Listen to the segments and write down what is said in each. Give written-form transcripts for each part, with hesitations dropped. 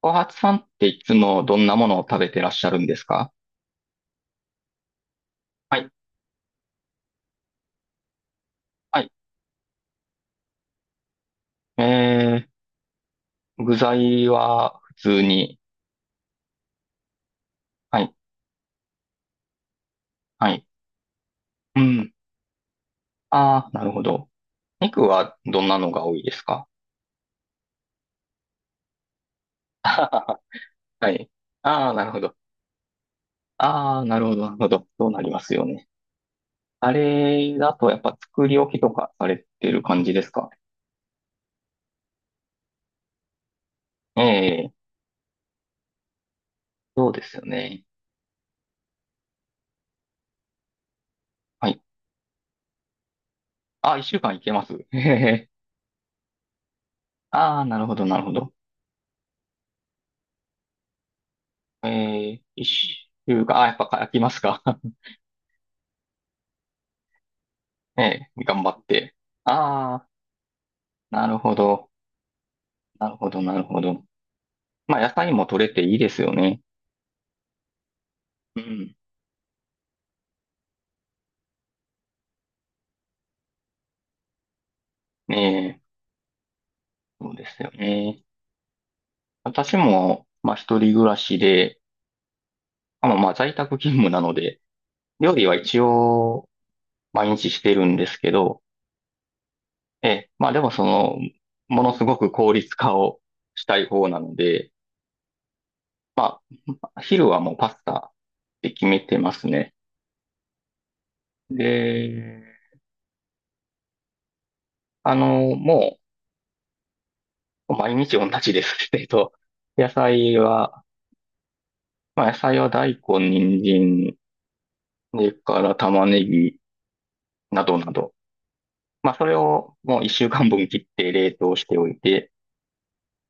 小初さんっていつもどんなものを食べてらっしゃるんですか？はい、はい。え具材は普通に。はい、はい。うん。ああ、なるほど。肉はどんなのが多いですか？あー はい。ああ、なるほど。ああ、なるほど、なるほど。そうなりますよね。あれだとやっぱ作り置きとかされてる感じですか？ええ、そうですよね。はい。ああ、一週間いけます。へへへ。ああ、なるほど、なるほど。えー、一週が、あ、やっぱ書きますか？頑張って。ああ、なるほど。なるほど、なるほど。まあ、野菜も取れていいですよね。うん。ねえ、そうですよね。私も、まあ、一人暮らしで、あ、まあ在宅勤務なので、料理は一応、毎日してるんですけど、ええ、まあ、でもその、ものすごく効率化をしたい方なので、まあ、昼はもうパスタって決めてますね。で、もう、毎日同じです。野菜は、まあ野菜は大根、人参、それから玉ねぎなどなど。まあそれをもう一週間分切って冷凍しておいて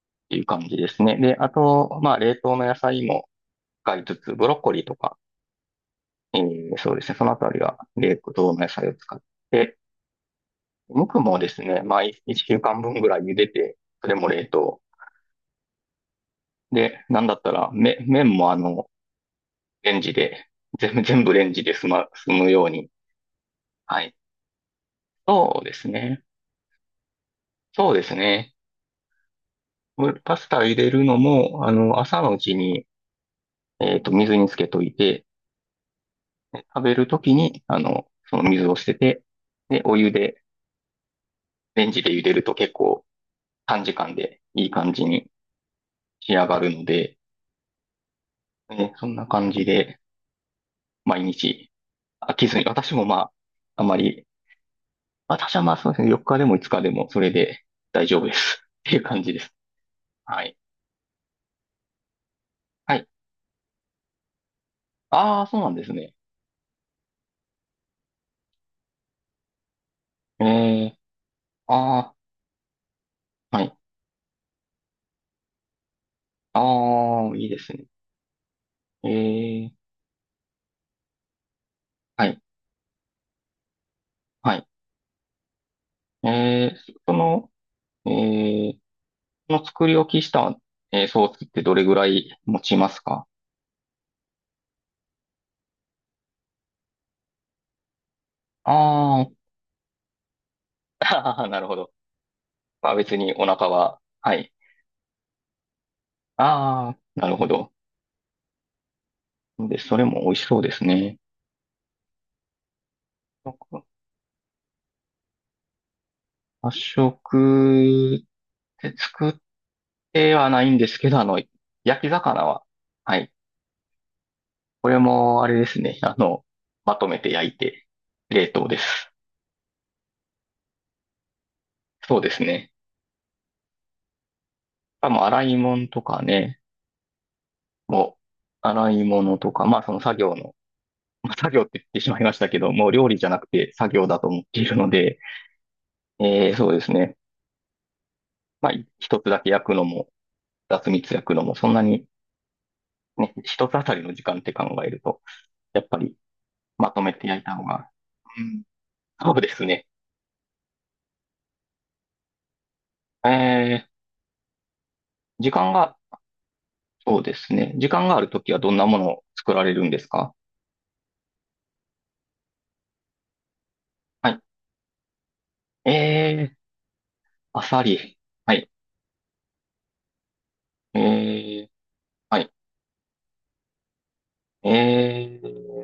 っていう感じですね。で、あと、まあ冷凍の野菜も使いつつ、ブロッコリーとか、そうですね、そのあたりは冷凍の野菜を使って、無くもですね、まあ一週間分ぐらい茹でて、それも冷凍。で、なんだったら、麺もレンジで、全部レンジで済むように。はい。そうですね。そうですね。パスタ入れるのも、朝のうちに、水につけといて、で食べるときに、その水を捨てて、で、お湯で、レンジで茹でると結構短時間でいい感じに仕上がるので、ね、そんな感じで毎日飽きずに、私もまあ、あまり、私はまあそうですね、4日でも5日でもそれで大丈夫です。っていう感じです。はい。はい。ああ、そうなんですね。ええ、ああ、はい。ああ、いいですね。ええ、はい、はい。ええ、その、ええ、その作り置きした、ソースってどれぐらい持ちますか？あーあー、なるほど。まあ別にお腹は、はい。ああ、なるほど。で、それも美味しそうですね。発色って作ってはないんですけど、焼き魚は、はい、これも、あれですね。まとめて焼いて、冷凍です。そうですね。あ、洗い物とかね、もう、洗い物とか、まあその作業の、まあ、作業って言ってしまいましたけど、もう料理じゃなくて作業だと思っているので、そうですね。まあ、一つだけ焼くのも、二つ三つ焼くのも、そんなに、ね、一つあたりの時間って考えると、やっぱり、まとめて焼いた方が、うん、そうですね。えー、時間がそうですね。時間があるときはどんなものを作られるんですか？はい。えー、アサリ。はい。えー、はい。えー、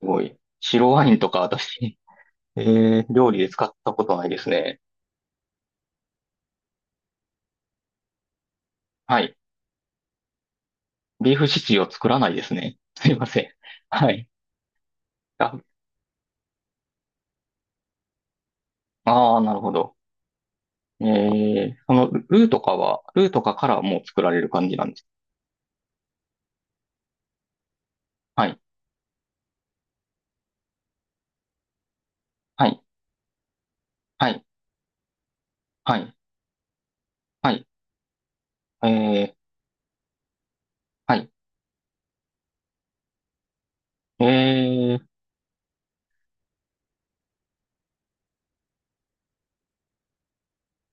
すごい。白ワインとか私、え料理で使ったことないですね。はい。ビーフシチューを作らないですね。すいません。はい。あ、あー、なるほど。えルーとかからもう作られる感じなんです。はい。はい。はい。はい。はい。えー、はい。え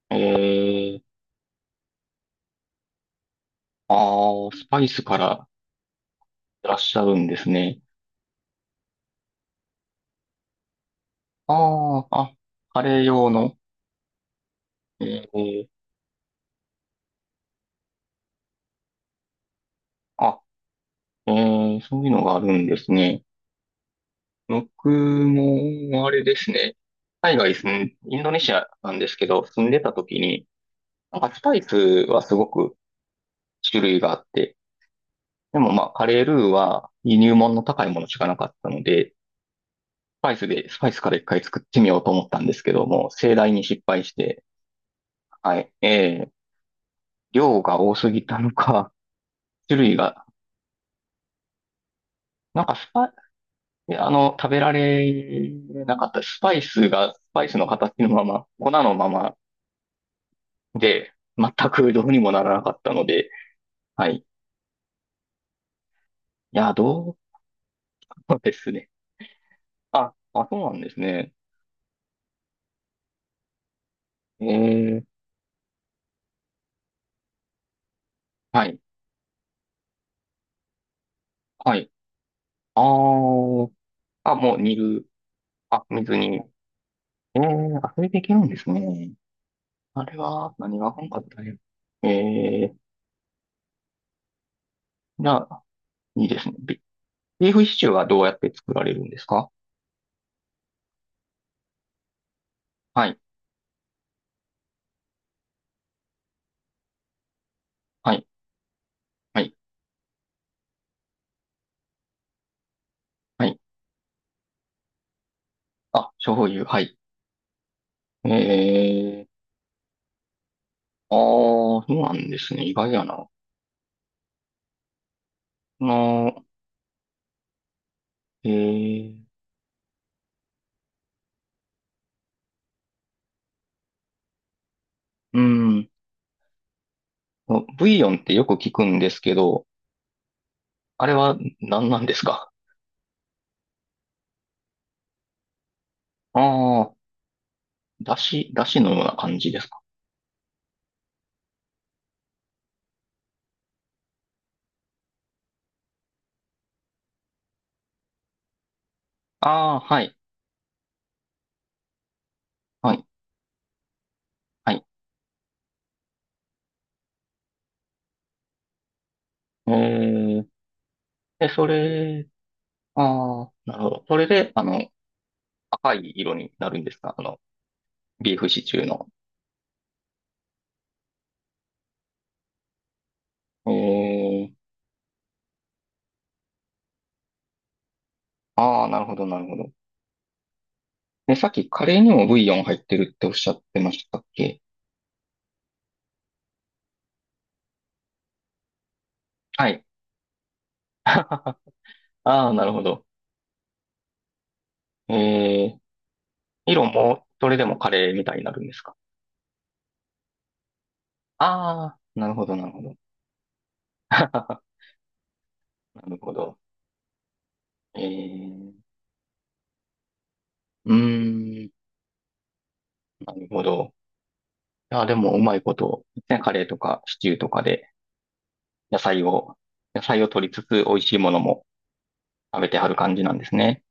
ー、えーああ、スパイスからいらっしゃるんですね。ああ、あ、カレー用の。えー、あ、そういうのがあるんですね。僕も、あれですね。海外住ん、インドネシアなんですけど、住んでた時に、なんかスパイスはすごく種類があって、でもまあ、カレールーは輸入物の高いものしかなかったので、スパイスから一回作ってみようと思ったんですけども、盛大に失敗して、はい、量が多すぎたのか、種類が、なんかスパ、いや食べられなかった。スパイスの形のまま、粉のままで、全くどうにもならなかったので、はい。いや、どうですね。あ、そうなんですね。えー、はい、はい。あー、あ、もう煮る。あ、水に。あ、それでいけるんですね。あれは、何があかんかったね。えー、じゃあ、いいですね。ビーフシチューはどうやって作られるんですか？はい、はい、はい。はいあ、醤油、はい。ええ、ああ、そうなんですね。意外やな。の、ええ、うん。ブイヨンってよく聞くんですけど、あれは何なんですか？ ああ、だしのような感じですか？ああはい、はい、はい。ええで、それ、ああ、なるほど。それで、赤い色になるんですか？ビーフシチューの。ええ、ああ、なるほど、なるほど。で、さっきカレーにもブイヨン入ってるっておっしゃってましたっけ？はい。ああ、なるほど。ええ、色も、それでもカレーみたいになるんですか？ああー、なるほど、なるほど。なるほど。ええ、うーん、なるほど。いや、でも、うまいこと、ね、カレーとかシチューとかで、野菜を、野菜を取りつつ、美味しいものも食べてはる感じなんですね。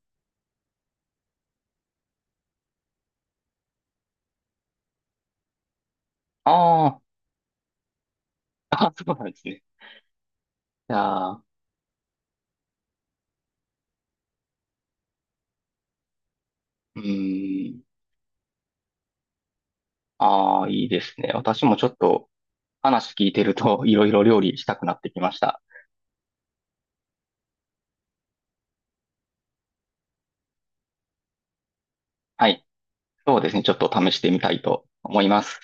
ああ、あそうなんですね。いやー、うーん、ああ、いいですね。私もちょっと、話聞いてると、いろいろ料理したくなってきました。はい。そうですね。ちょっと試してみたいと思います。